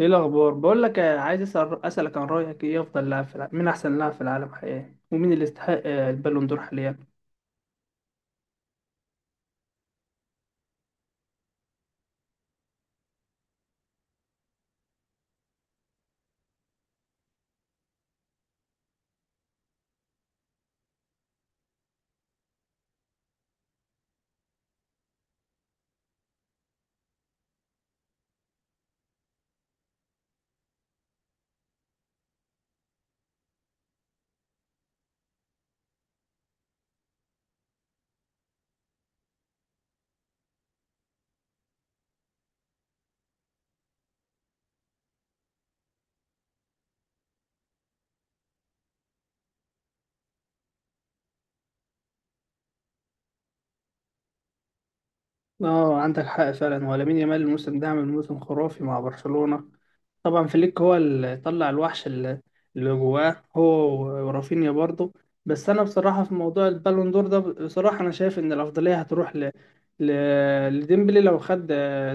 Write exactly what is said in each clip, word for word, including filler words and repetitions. ايه الاخبار؟ بقول لك، آه، عايز اسال اسالك عن رايك، ايه افضل لاعب في العالم؟ مين احسن لاعب في العالم حقيقي؟ ومين اللي يستحق آه، البالون دور حاليا؟ اه، عندك حق فعلا. ولا مين؟ يامال الموسم ده عامل موسم خرافي مع برشلونة. طبعا فليك هو اللي طلع الوحش اللي اللي جواه هو، ورافينيا برضه. بس انا بصراحه في موضوع البالون دور ده، بصراحه انا شايف ان الافضليه هتروح ل... ل... لديمبلي لو خد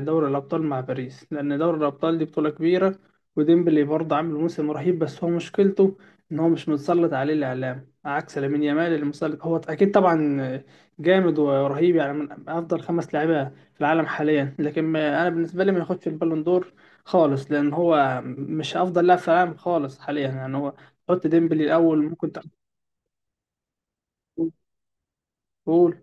دوري الابطال مع باريس، لان دوري الابطال دي بطوله كبيره. وديمبلي برضه عامل موسم رهيب، بس هو مشكلته ان هو مش متسلط عليه الاعلام عكس لامين يامال اللي متسلط. هو اكيد طبعا جامد ورهيب، يعني من افضل خمس لاعيبه في العالم حاليا، لكن ما- انا بالنسبه لي ما ياخدش البالون دور خالص، لان هو مش افضل لاعب في العالم خالص حاليا. يعني هو تحط ديمبلي الاول، ممكن تحط بول.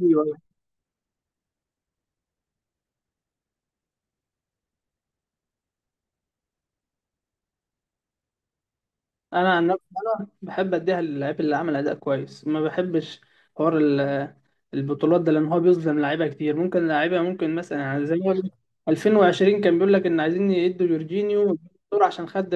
ايوه، انا عن نفسي بحب اديها للاعيب اللي عمل اداء كويس، ما بحبش حوار البطولات ده، لان هو بيظلم لعيبه كتير. ممكن لعيبه، ممكن مثلا، يعني زي ما ألفين وعشرين كان بيقول لك ان عايزين يدوا جورجينيو الدور عشان خد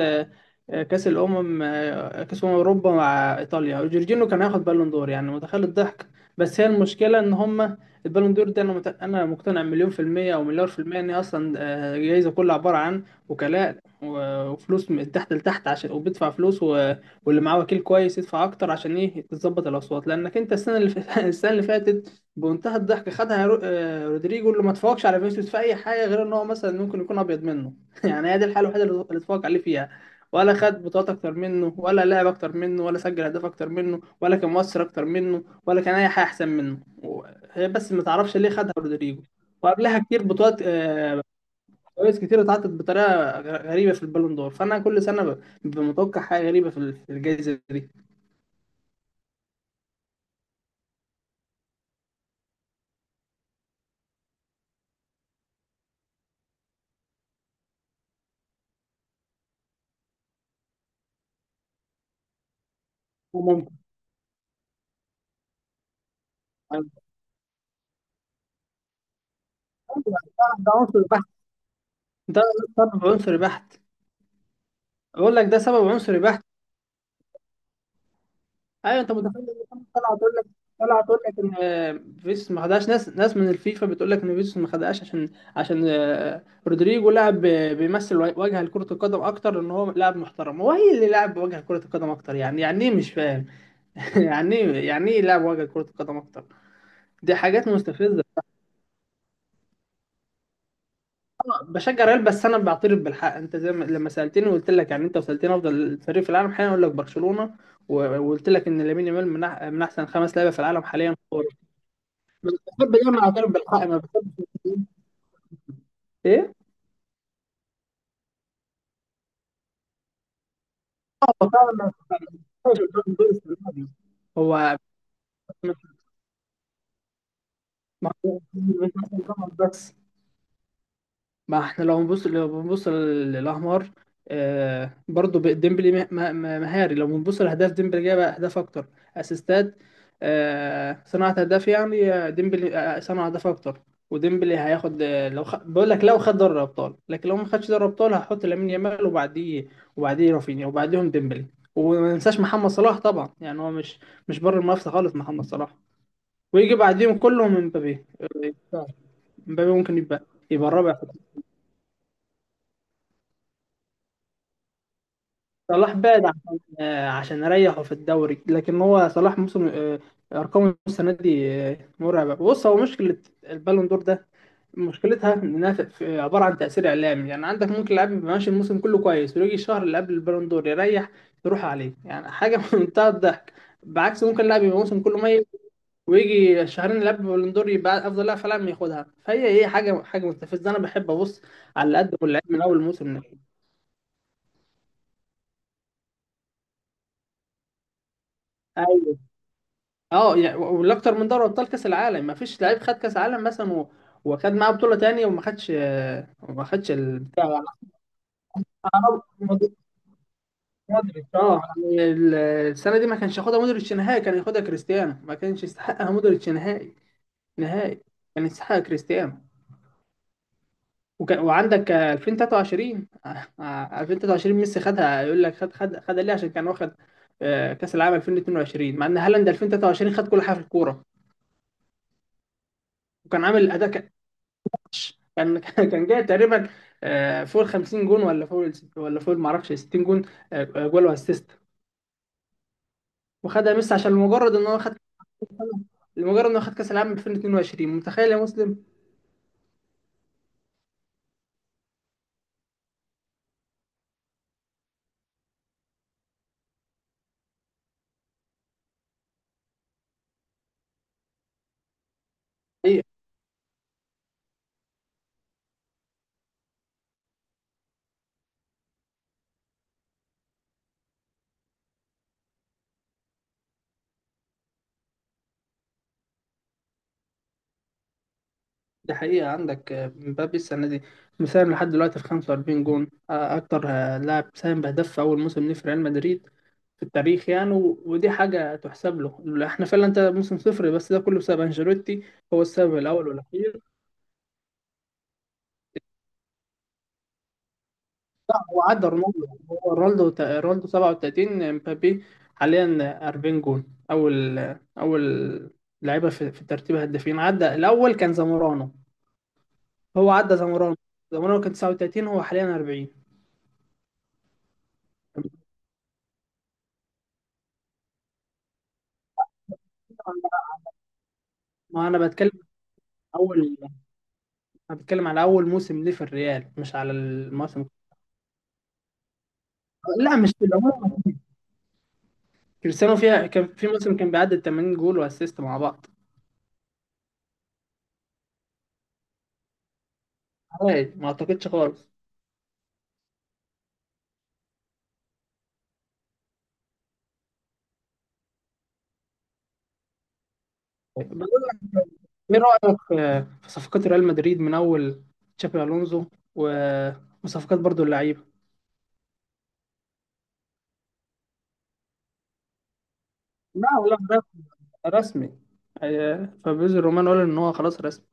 آه، كاس الامم، آه، كاس امم اوروبا مع ايطاليا، وجورجينيو كان هياخد بالون دور. يعني متخيل الضحك! بس هي المشكله ان هم البالون دور ده، انا مت- انا مقتنع مليون في الميه او مليار في الميه ان هي اصلا آه، جايزه كلها عباره عن وكلاء و- وفلوس من تحت لتحت، عشان وبيدفع فلوس و... واللي معاه وكيل كويس يدفع اكتر عشان ايه؟ تظبط الاصوات. لانك انت السنه اللي ف... السنه اللي فاتت بمنتهى الضحك خدها رو- آه، رودريجو، اللي ما اتفوقش على فينيسيوس في اي حاجه غير ان هو مثلا ممكن يكون ابيض منه يعني هي دي الحاله الوحيده اللي اللي اتفوق عليه فيها، ولا خد بطولات اكتر منه، ولا لعب اكتر منه، ولا سجل اهداف اكتر منه، ولا كان مؤثر اكتر منه، ولا كان اي حاجه احسن منه. و- هي بس ما تعرفش ليه خدها رودريجو. وقبلها كتير بطولات، آه، جوائز كتير اتعطت بطريقه غ- غريبه في البالون دور. فانا كل سنه ب- ببقى متوقع حاجه غريبه في ال- في الجائزه دي. وممكن ده ده عنصر بحت. ده ده عنصر بحت. بقول لك ده سبب عنصري بحت. ايوه، انت متخيل إن طلع تقول لك، طلع تقول لك ان آه، فيس ما خدهاش؟ ناس ناس من الفيفا بتقول لك ان فيس ما خدهاش عشان عشان آه، رودريجو لاعب ب- بيمثل وجه لكرة القدم اكتر، ان هو لاعب محترم. هو هي اللي لاعب وجه لكرة القدم اكتر؟ يعني يعني ايه؟ مش فاهم يعني ايه؟ يعني ايه لاعب وجه لكرة القدم اكتر؟ دي حاجات مستفزة. بشجع ريال، بس انا بعترف بالحق. انت زي ما لما سالتني وقلت لك، يعني انت وسالتني افضل فريق في العالم حاليا، اقول لك برشلونه. و- وقلت لك ان لامين يامال من, أح- من احسن خمس لعيبه في العالم حاليا كوره. بس بحب دايما اعترف بالحق، ما بحبش. ايه، هو فعلا. ما بحبش الدور الصناعي. هو مش مش- مش- مش- بس ما احنا، لو بنبص، لو بنبص للاحمر، آه برضو ب- ديمبلي مه- مه- مهاري. لو بنبص لاهداف، ديمبلي جاب اهداف اكتر. اسيستات، آه، صناعة اهداف. يعني آه، ديمبلي آه، صنع اهداف اكتر. وديمبلي هياخد، آه، لو خ... بقول لك لو خد دوري ابطال. لكن لو ما خدش دوري ابطال، هحط لامين يامال، وبعديه وبعديه رافينيا، وبعديهم ديمبلي. وما ننساش محمد صلاح طبعا. يعني هو مش مش بره المنافسه خالص، محمد صلاح. ويجي بعديهم كلهم مبابي. آه، مبابي ممكن يبقى يبقى الرابع. صلاح بعد عشان آه، عشان اريحه في الدوري. لكن هو صلاح موسم، آه، ارقامه السنه دي آه، مرعبه. بص، هو مشكله البالون دور ده مشكلتها انها في- في- عباره عن تاثير اعلامي. يعني عندك ممكن لاعب يبقى ماشي الموسم كله كويس، ويجي الشهر اللي قبل البالون دور يريح، يروح عليه. يعني حاجه في منتهى الضحك. بعكس ممكن لاعب يبقى الموسم كله ميت، ويجي الشهرين اللي قبل البالون دور يبقى افضل لاعب في العالم، ياخدها. فهي ايه؟ حاجه حاجه مستفزه. انا بحب ابص على اللي قدمه اللعيب من اول الموسم. اه، يعني والاكتر من دوري ابطال كاس العالم. ما فيش لعيب خد كاس عالم مثلا و... وخد معاه بطوله تانية، وما خدش وما خدش البتاع. آه، مودريتش. اه، يعني ال- السنه دي ما كانش ياخدها مودريتش نهائي، كان ياخدها كريستيانو. ما كانش يستحقها مودريتش نهائي، نهائي. كان يستحقها كريستيانو. وكان وعندك آه، ألفين وتلاتة، آه، آه، ألفين وتلاتة ميسي خدها. يقول لك خد خد خدها ليه؟ عشان كان واخد آه، كاس العالم ألفين واتنين، مع ان هالاند ألفين وتلاتة خد كل حاجه في الكوره، وكان عامل اداء. كان كان جاي تقريبا آه، فوق ال خمسين جون، ولا فوق ال- ولا فوق ما اعرفش ستين جون، آه، جول واسيست. وخدها ميسي عشان لمجرد ان هو خد لمجرد ان هو خد كاس العالم ألفين واتنين. متخيل يا مسلم! حقيقة، دي حقيقة عندك آه، مبابي السنة دي مساهم لحد دلوقتي في خمسة واربعين جون. آه، اكتر آه، لاعب ساهم بهدف في اول موسم ليه في ريال مدريد في التاريخ. يعني و- ودي حاجة تحسب له. احنا فعلا انت موسم صفر، بس ده كله بسبب انشيلوتي، هو السبب الاول والاخير. هو عدى رونالدو. هو رونالدو تا- رونالدو سبعة وتلاتين، امبابي حاليا اربعين جول. اول اول لعيبه في, في ترتيب هدافين عدى. الاول كان زامورانو، هو عدى زامورانو زامورانو كان تسعة وثلاثين، هو حاليا أربعين. ما انا بتكلم عن اول. انا بتكلم على اول موسم ليه في الريال، مش على الموسم. لا، مش في العموم. كريستيانو فيها كان في موسم كان بيعدي تمانين جول واسيست مع بعض. عادي، ما اعتقدش خالص. ايه رأيك في في صفقات ريال مدريد؟ من اول تشابي الونزو و- وصفقات برضو اللعيبه. لا لا، ده رسمي. آه، فابريزو رومان قال ان هو خلاص رسمي.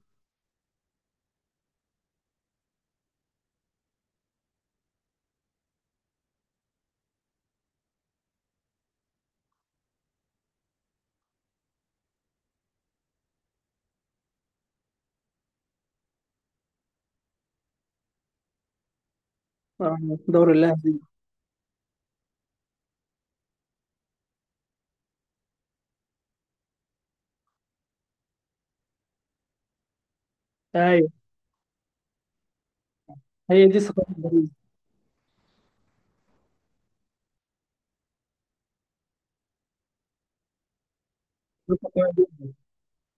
آه، دوري اللاعب دي. ايوه، هي دي صفقات باريس.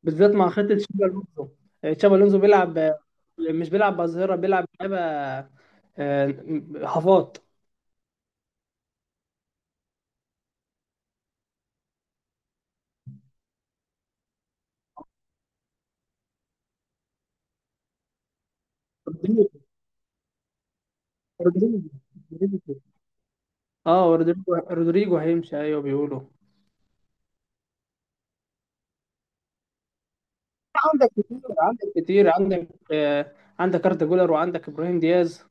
بالذات مع خطه تشابي الونزو. آه، تشابي الونزو بيلعب، آه، مش بيلعب بأظهرة، بيلعب لعيبه آه، هافات. رودريجو رودريجو رودريجو. اه، رودريجو رودريجو هيمشي، ايوه بيقولوا. عندك كتير عندك كتير عندك آه، عندك أردا جولر، وعندك إبراهيم دياز،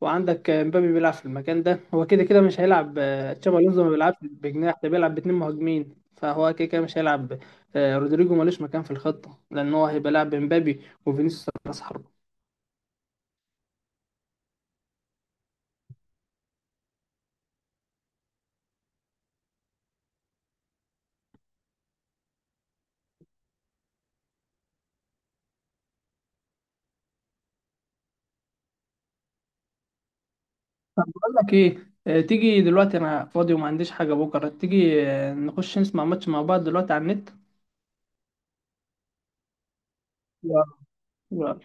وعندك آه، مبابي بيلعب في المكان ده، هو كده كده مش هيلعب. آه، تشابي ألونسو ما بيلعبش بجناح، ده بيلعب باتنين مهاجمين، فهو كده كده مش هيلعب. آه، رودريجو ملوش مكان في الخطة، لأن هو هيبقى لاعب مبابي وفينيسيوس راس حربة. طب بقول لك إيه، آه، تيجي دلوقتي؟ أنا فاضي وما عنديش حاجة بكرة. تيجي آه، نخش نسمع ماتش مع بعض دلوقتي على النت؟ يلا. يلا.